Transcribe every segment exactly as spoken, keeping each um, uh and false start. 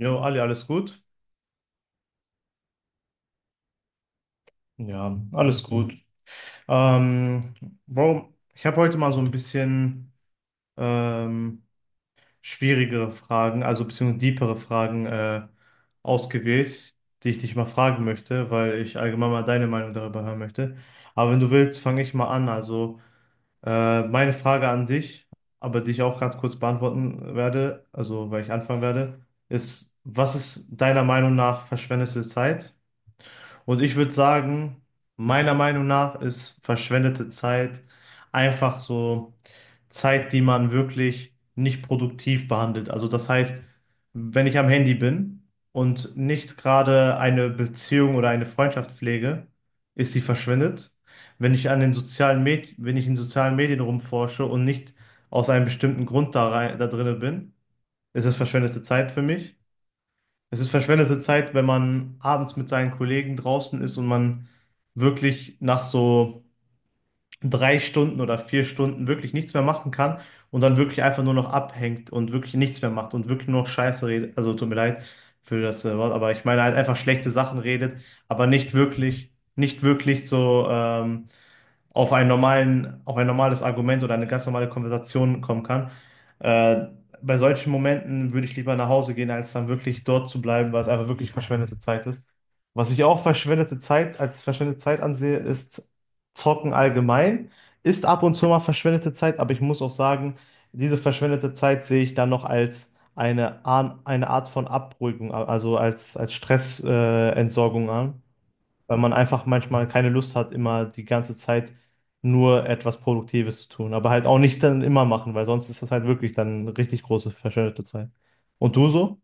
Jo, Ali, alles gut? Ja, alles gut. Ähm, Bro, ich habe heute mal so ein bisschen ähm, schwierigere Fragen, also beziehungsweise deepere Fragen äh, ausgewählt, die ich dich mal fragen möchte, weil ich allgemein mal deine Meinung darüber hören möchte. Aber wenn du willst, fange ich mal an. Also äh, meine Frage an dich, aber die ich auch ganz kurz beantworten werde, also weil ich anfangen werde, ist, was ist deiner Meinung nach verschwendete Zeit? Und ich würde sagen, meiner Meinung nach ist verschwendete Zeit einfach so Zeit, die man wirklich nicht produktiv behandelt. Also das heißt, wenn ich am Handy bin und nicht gerade eine Beziehung oder eine Freundschaft pflege, ist sie verschwendet. Wenn ich an den sozialen Med wenn ich in sozialen Medien rumforsche und nicht aus einem bestimmten Grund da rein, da drinne bin, ist es verschwendete Zeit für mich. Es ist verschwendete Zeit, wenn man abends mit seinen Kollegen draußen ist und man wirklich nach so drei Stunden oder vier Stunden wirklich nichts mehr machen kann und dann wirklich einfach nur noch abhängt und wirklich nichts mehr macht und wirklich nur noch Scheiße redet. Also tut mir leid für das äh, Wort, aber ich meine halt einfach schlechte Sachen redet, aber nicht wirklich, nicht wirklich so. Ähm, auf einen normalen, auf ein normales Argument oder eine ganz normale Konversation kommen kann. Äh, bei solchen Momenten würde ich lieber nach Hause gehen, als dann wirklich dort zu bleiben, weil es einfach wirklich verschwendete Zeit ist. Was ich auch verschwendete Zeit als verschwendete Zeit ansehe, ist Zocken allgemein. Ist ab und zu mal verschwendete Zeit, aber ich muss auch sagen, diese verschwendete Zeit sehe ich dann noch als eine, Ar- eine Art von Abruhigung, also als, als Stressentsorgung äh, Entsorgung an, weil man einfach manchmal keine Lust hat, immer die ganze Zeit nur etwas Produktives zu tun. Aber halt auch nicht dann immer machen, weil sonst ist das halt wirklich dann richtig große verschwendete Zeit. Und du so?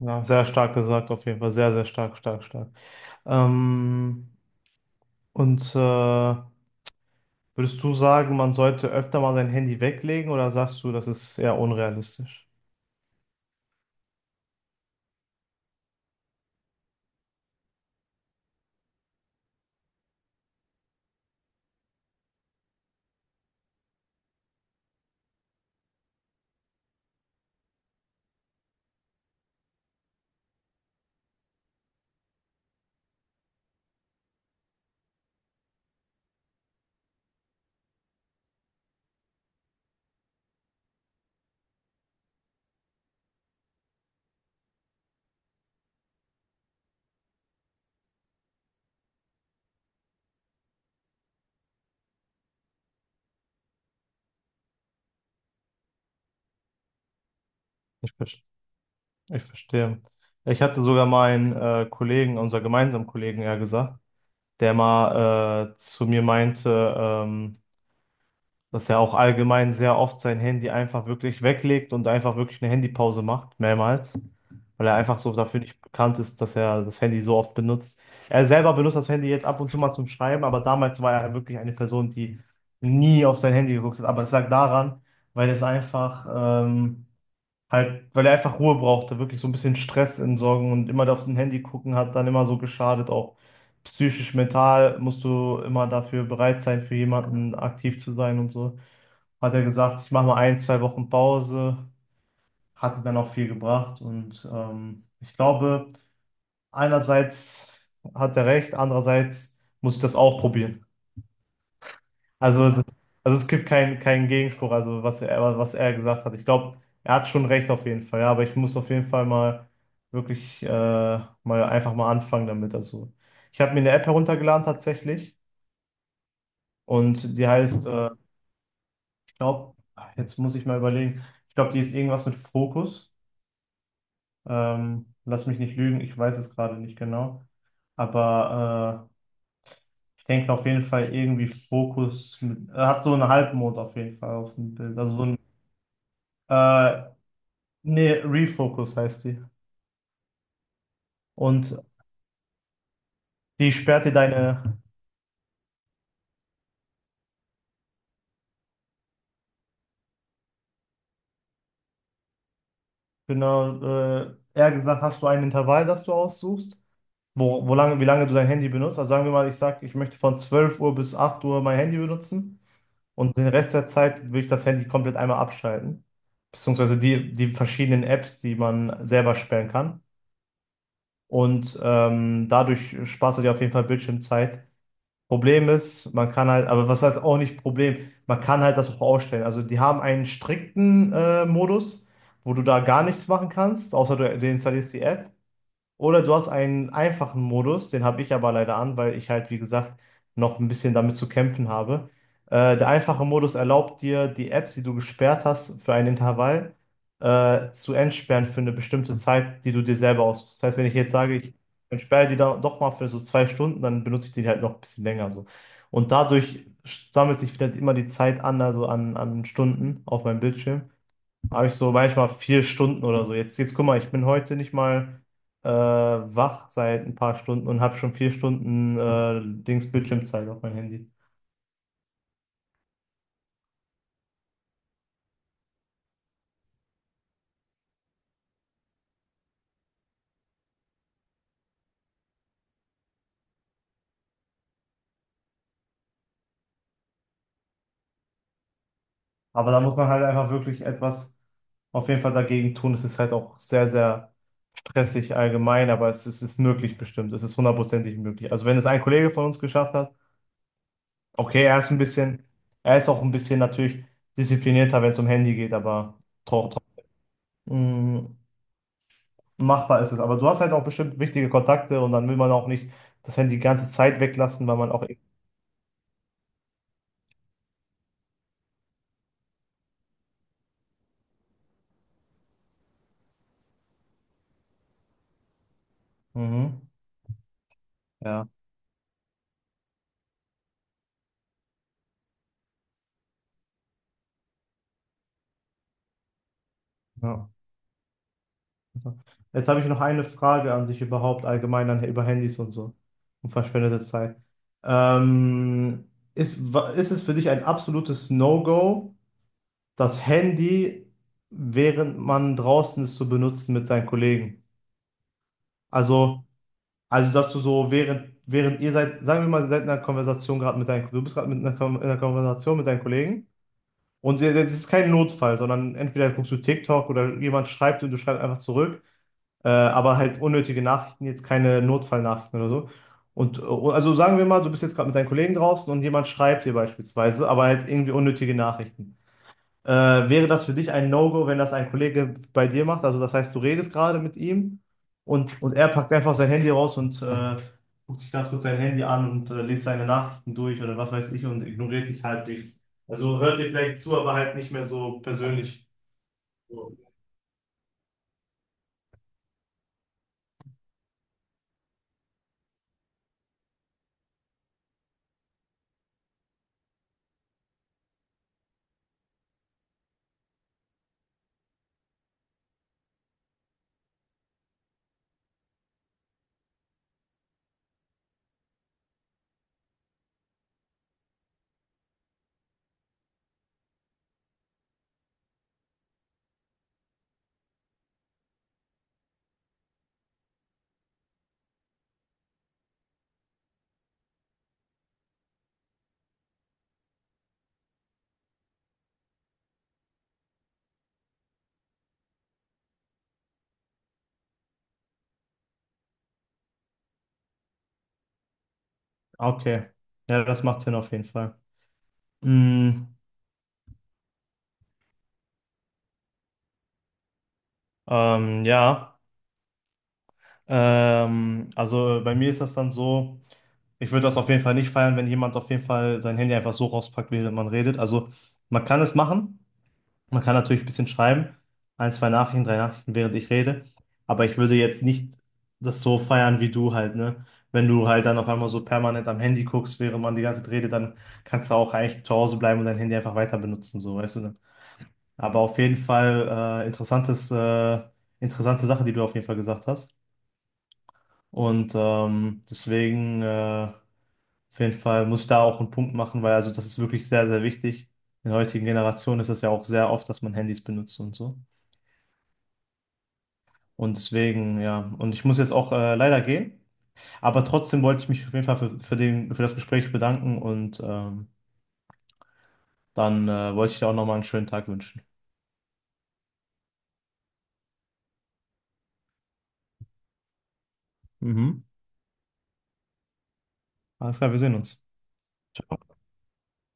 Ja, sehr stark gesagt, auf jeden Fall. Sehr, sehr stark, stark, stark. Ähm, und äh, würdest du sagen, man sollte öfter mal sein Handy weglegen oder sagst du, das ist eher unrealistisch? Ich, ver- ich verstehe. Ich hatte sogar meinen äh, Kollegen, unser gemeinsamen Kollegen, ja gesagt, der mal äh, zu mir meinte, ähm, dass er auch allgemein sehr oft sein Handy einfach wirklich weglegt und einfach wirklich eine Handypause macht, mehrmals, weil er einfach so dafür nicht bekannt ist, dass er das Handy so oft benutzt. Er selber benutzt das Handy jetzt ab und zu mal zum Schreiben, aber damals war er wirklich eine Person, die nie auf sein Handy geguckt hat. Aber es lag daran, weil es einfach ähm, halt, weil er einfach Ruhe brauchte, wirklich so ein bisschen Stress entsorgen und immer auf dem Handy gucken hat dann immer so geschadet, auch psychisch, mental musst du immer dafür bereit sein, für jemanden aktiv zu sein und so. Hat er gesagt, ich mache mal ein, zwei Wochen Pause, hatte dann auch viel gebracht und ähm, ich glaube, einerseits hat er recht, andererseits muss ich das auch probieren. Also, das- also es gibt keinen keinen Gegenspruch, also was er, was er gesagt hat. Ich glaube, er hat schon recht auf jeden Fall, ja, aber ich muss auf jeden Fall mal wirklich äh, mal einfach mal anfangen damit. Also, ich habe mir eine App heruntergeladen tatsächlich und die heißt, äh, ich glaube, jetzt muss ich mal überlegen, ich glaube, die ist irgendwas mit Fokus. Ähm, lass mich nicht lügen, ich weiß es gerade nicht genau. Aber äh, ich denke auf jeden Fall irgendwie Fokus mit, er hat so einen Halbmond auf jeden Fall auf dem Bild. Also so ein äh, Nee, Refocus heißt die. Und die sperrt dir deine, genau, äh, eher gesagt, hast du ein Intervall, das du aussuchst, wo, wo lange, wie lange du dein Handy benutzt. Also sagen wir mal, ich sage, ich möchte von zwölf Uhr bis acht Uhr mein Handy benutzen und den Rest der Zeit will ich das Handy komplett einmal abschalten. Beziehungsweise die, die verschiedenen Apps, die man selber sperren kann. Und ähm, dadurch sparst du dir auf jeden Fall Bildschirmzeit. Problem ist, man kann halt, aber was heißt auch nicht Problem, man kann halt das auch ausstellen. Also die haben einen strikten äh, Modus, wo du da gar nichts machen kannst, außer du, du installierst die App. Oder du hast einen einfachen Modus, den habe ich aber leider an, weil ich halt, wie gesagt, noch ein bisschen damit zu kämpfen habe. Äh, der einfache Modus erlaubt dir, die Apps, die du gesperrt hast, für ein Intervall äh, zu entsperren für eine bestimmte Zeit, die du dir selber aussuchst. Das heißt, wenn ich jetzt sage, ich entsperre die da doch mal für so zwei Stunden, dann benutze ich die halt noch ein bisschen länger so. Und dadurch sammelt sich wieder immer die Zeit an, also an, an Stunden auf meinem Bildschirm habe ich so manchmal vier Stunden oder so. Jetzt, jetzt guck mal, ich bin heute nicht mal äh, wach seit ein paar Stunden und habe schon vier Stunden äh, Dings Bildschirmzeit auf mein Handy. Aber da muss man halt einfach wirklich etwas auf jeden Fall dagegen tun. Es ist halt auch sehr, sehr stressig allgemein, aber es ist, es ist möglich bestimmt. Es ist hundertprozentig möglich. Also wenn es ein Kollege von uns geschafft hat, okay, er ist ein bisschen, er ist auch ein bisschen natürlich disziplinierter, wenn es um Handy geht, aber trotzdem. Machbar ist es. Aber du hast halt auch bestimmt wichtige Kontakte und dann will man auch nicht das Handy die ganze Zeit weglassen, weil man auch. Mhm. Ja. Ja. Jetzt habe ich noch eine Frage an dich überhaupt allgemein an, über Handys und so und verschwendete Zeit. Ähm, ist, wa- ist es für dich ein absolutes No-Go, das Handy, während man draußen ist, zu benutzen mit seinen Kollegen? Also Also, dass du so während, während ihr seid, sagen wir mal, ihr seid in einer Konversation gerade mit deinen, du bist gerade mit einer, Kon- in einer Konversation mit deinen Kollegen und ihr- das ist kein Notfall, sondern entweder guckst du TikTok oder jemand schreibt und du schreibst einfach zurück, äh, aber halt unnötige Nachrichten, jetzt keine Notfallnachrichten oder so. Und äh, also sagen wir mal, du bist jetzt gerade mit deinen Kollegen draußen und jemand schreibt dir beispielsweise, aber halt irgendwie unnötige Nachrichten. Äh, wäre das für dich ein No-Go, wenn das ein Kollege bei dir macht? Also das heißt, du redest gerade mit ihm und, und er packt einfach sein Handy raus und äh, guckt sich ganz kurz sein Handy an und äh, liest seine Nachrichten durch oder was weiß ich und ignoriert dich halbwegs. Also hört dir vielleicht zu, aber halt nicht mehr so persönlich. Okay, ja, das macht Sinn auf jeden Fall. Mm, ähm, ja. Ähm, also bei mir ist das dann so, ich würde das auf jeden Fall nicht feiern, wenn jemand auf jeden Fall sein Handy einfach so rauspackt, während man redet. Also man kann es machen, man kann natürlich ein bisschen schreiben, ein, zwei Nachrichten, drei Nachrichten, während ich rede, aber ich würde jetzt nicht das so feiern wie du halt, ne? Wenn du halt dann auf einmal so permanent am Handy guckst, während man die ganze Zeit redet, dann kannst du auch eigentlich zu Hause bleiben und dein Handy einfach weiter benutzen, so, weißt du, ne? Aber auf jeden Fall äh, interessantes, äh, interessante Sache, die du auf jeden Fall gesagt hast. Und ähm, deswegen, äh, auf jeden Fall muss ich da auch einen Punkt machen, weil also das ist wirklich sehr, sehr wichtig. In der heutigen Generation ist das ja auch sehr oft, dass man Handys benutzt und so. Und deswegen, ja, und ich muss jetzt auch äh, leider gehen. Aber trotzdem wollte ich mich auf jeden Fall für, für den, für das Gespräch bedanken und ähm, dann äh, wollte ich dir auch nochmal einen schönen Tag wünschen. Mhm. Alles klar, wir sehen uns. Ciao.